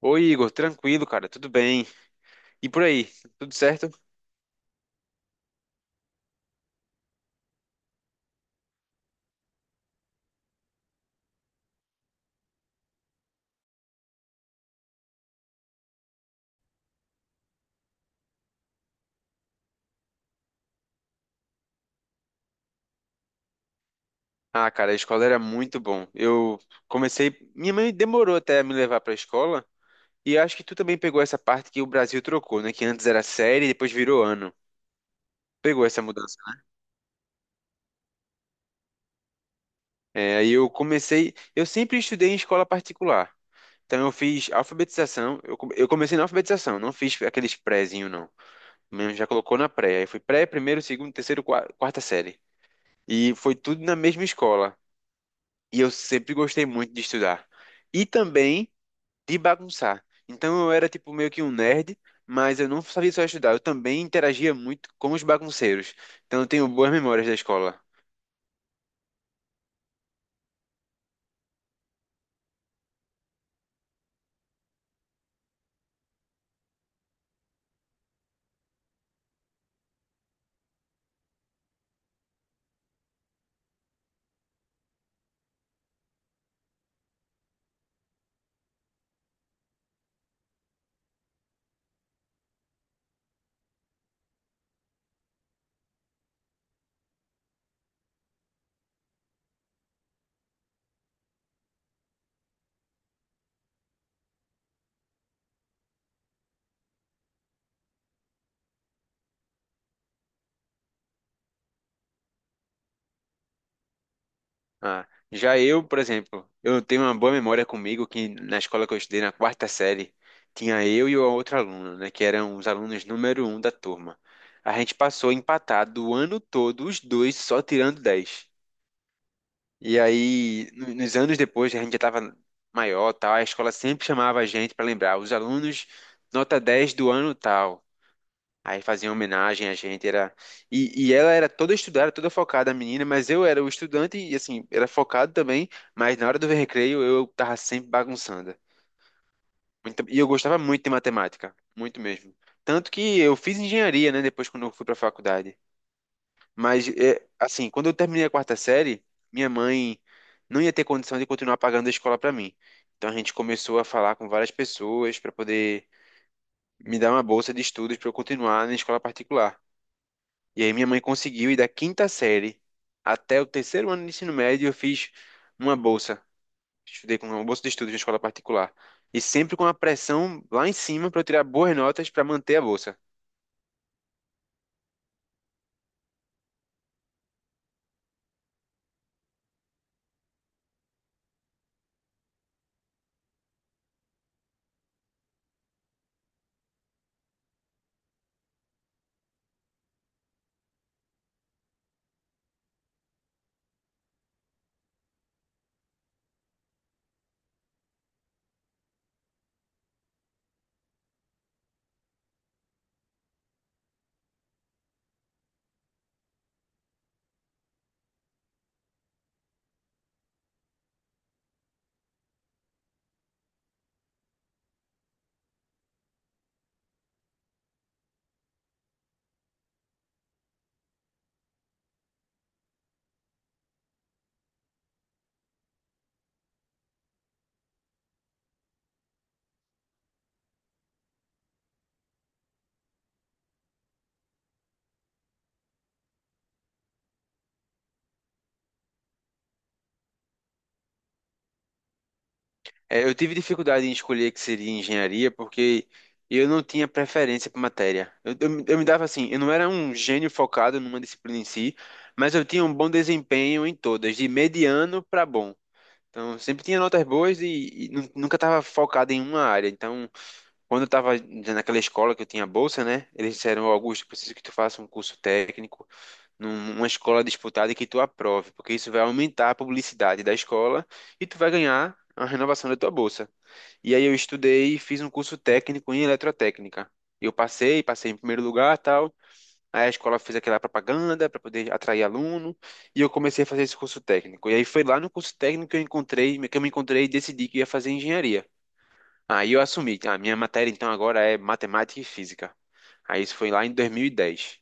Oi, Igor, tranquilo, cara, tudo bem? E por aí, tudo certo? Ah, cara, a escola era muito bom. Eu comecei, minha mãe demorou até a me levar pra escola, e acho que tu também pegou essa parte que o Brasil trocou, né? Que antes era série e depois virou ano. Pegou essa mudança. É, aí eu comecei, eu sempre estudei em escola particular. Então eu fiz alfabetização, eu comecei na alfabetização, não fiz aqueles prézinho não. Minha mãe já colocou na pré, aí fui pré, primeiro, segundo, terceiro, quarta série. E foi tudo na mesma escola. E eu sempre gostei muito de estudar. E também de bagunçar. Então eu era tipo meio que um nerd, mas eu não sabia só estudar. Eu também interagia muito com os bagunceiros. Então eu tenho boas memórias da escola. Ah, já eu, por exemplo, eu tenho uma boa memória comigo que na escola que eu estudei, na quarta série, tinha eu e a outra aluna, né? Que eram os alunos número um da turma. A gente passou empatado o ano todo, os dois só tirando dez. E aí, nos anos depois, a gente já estava maior, tal, a escola sempre chamava a gente para lembrar, os alunos nota 10 do ano tal. Aí faziam homenagem a gente, era e ela era toda estudada, toda focada, a menina, mas eu era o estudante e assim, era focado também, mas na hora do recreio eu tava sempre bagunçando. E eu gostava muito de matemática, muito mesmo. Tanto que eu fiz engenharia, né, depois quando eu fui para faculdade. Mas, é, assim, quando eu terminei a quarta série, minha mãe não ia ter condição de continuar pagando a escola para mim. Então a gente começou a falar com várias pessoas para poder me dar uma bolsa de estudos para eu continuar na escola particular. E aí minha mãe conseguiu, e da quinta série até o terceiro ano de ensino médio, eu fiz uma bolsa. Estudei com uma bolsa de estudos na escola particular. E sempre com a pressão lá em cima para eu tirar boas notas para manter a bolsa. É, eu tive dificuldade em escolher que seria engenharia porque eu não tinha preferência por matéria. Eu me dava assim, eu não era um gênio focado numa disciplina em si, mas eu tinha um bom desempenho em todas, de mediano para bom. Então, sempre tinha notas boas e nunca estava focado em uma área. Então, quando eu estava naquela escola que eu tinha bolsa, né? Eles disseram, "Ó, Augusto, eu preciso que tu faça um curso técnico numa escola disputada e que tu aprove, porque isso vai aumentar a publicidade da escola e tu vai ganhar a renovação da tua bolsa. E aí eu estudei e fiz um curso técnico em eletrotécnica. Eu passei, passei em primeiro lugar, tal. Aí a escola fez aquela propaganda para poder atrair aluno, e eu comecei a fazer esse curso técnico. E aí foi lá no curso técnico que eu encontrei, que eu me encontrei e decidi que ia fazer engenharia. Aí eu assumi, a minha matéria então agora é matemática e física. Aí isso foi lá em 2010.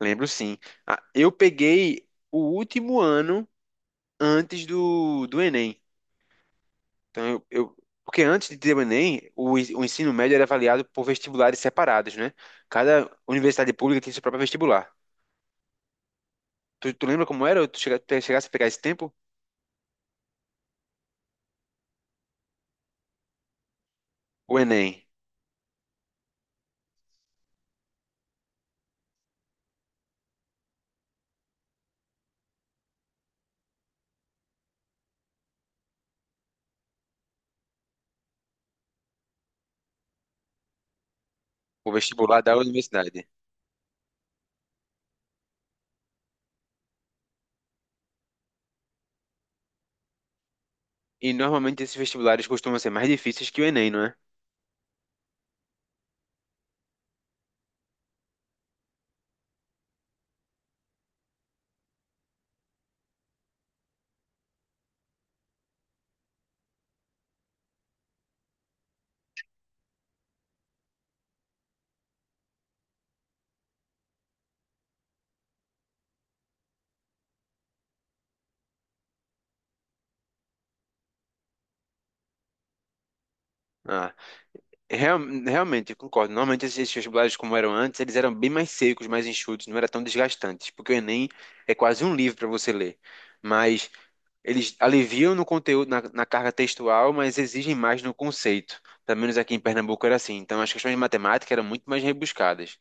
Lembro sim. Ah, eu peguei o último ano antes do Enem. Então, porque antes de ter o Enem, o ensino médio era avaliado por vestibulares separados, né? Cada universidade pública tinha seu próprio vestibular. Tu, tu lembra como era? Ou tu chegasse a pegar esse tempo? O Enem, o vestibular da universidade. E normalmente esses vestibulares costumam ser mais difíceis que o Enem, não é? Ah, real- realmente, eu concordo. Normalmente esses vestibulares, como eram antes, eles eram bem mais secos, mais enxutos, não era tão desgastantes, porque o Enem é quase um livro para você ler. Mas eles aliviam no conteúdo, na carga textual, mas exigem mais no conceito. Pelo menos aqui em Pernambuco era assim. Então, as questões de matemática eram muito mais rebuscadas,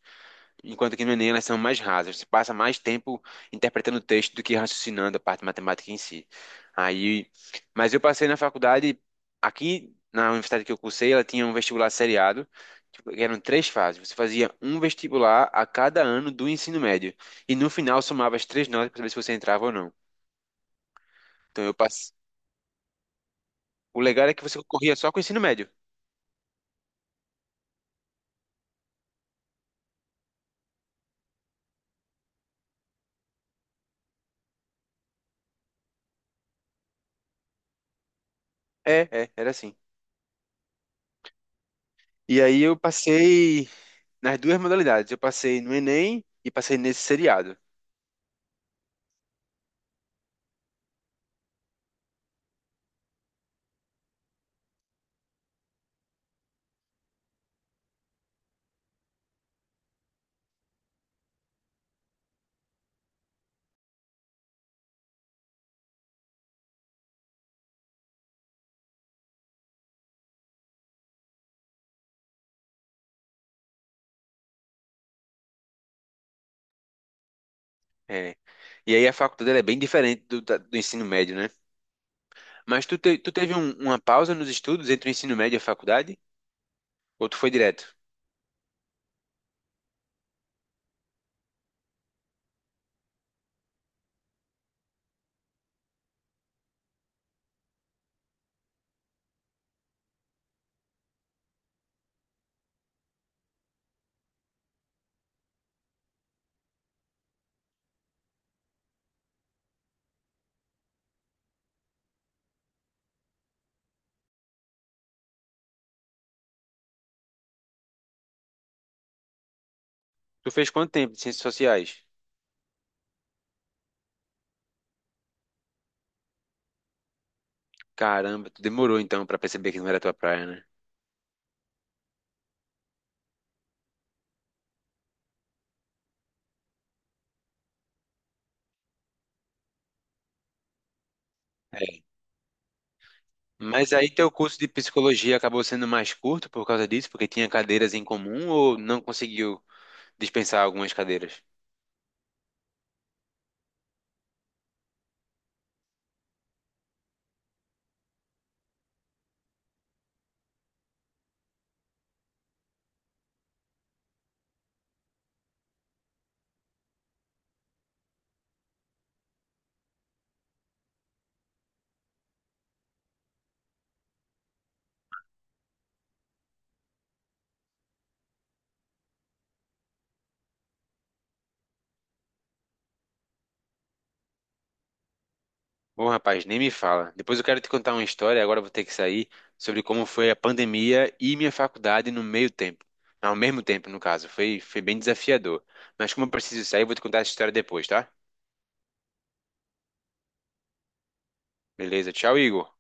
enquanto que no Enem elas são mais rasas. Você passa mais tempo interpretando o texto do que raciocinando a parte matemática em si. Aí, mas eu passei na faculdade, aqui na universidade que eu cursei, ela tinha um vestibular seriado, tipo, que eram três fases. Você fazia um vestibular a cada ano do ensino médio, e no final somava as três notas para saber se você entrava ou não. Então, eu o legal é que você concorria só com o ensino médio. É, é, era assim. E aí eu passei nas duas modalidades. Eu passei no Enem e passei nesse seriado. É. E aí a faculdade ela é bem diferente do ensino médio, né? Mas tu, tu teve uma pausa nos estudos entre o ensino médio e a faculdade? Ou tu foi direto? Tu fez quanto tempo de ciências sociais? Caramba, tu demorou então pra perceber que não era tua praia, né? É. Mas aí teu curso de psicologia acabou sendo mais curto por causa disso, porque tinha cadeiras em comum ou não conseguiu dispensar algumas cadeiras? Bom, rapaz, nem me fala. Depois eu quero te contar uma história, agora eu vou ter que sair, sobre como foi a pandemia e minha faculdade no meio tempo. Ao mesmo tempo, no caso. Foi, foi bem desafiador. Mas como eu preciso sair, eu vou te contar essa história depois, tá? Beleza, tchau, Igor.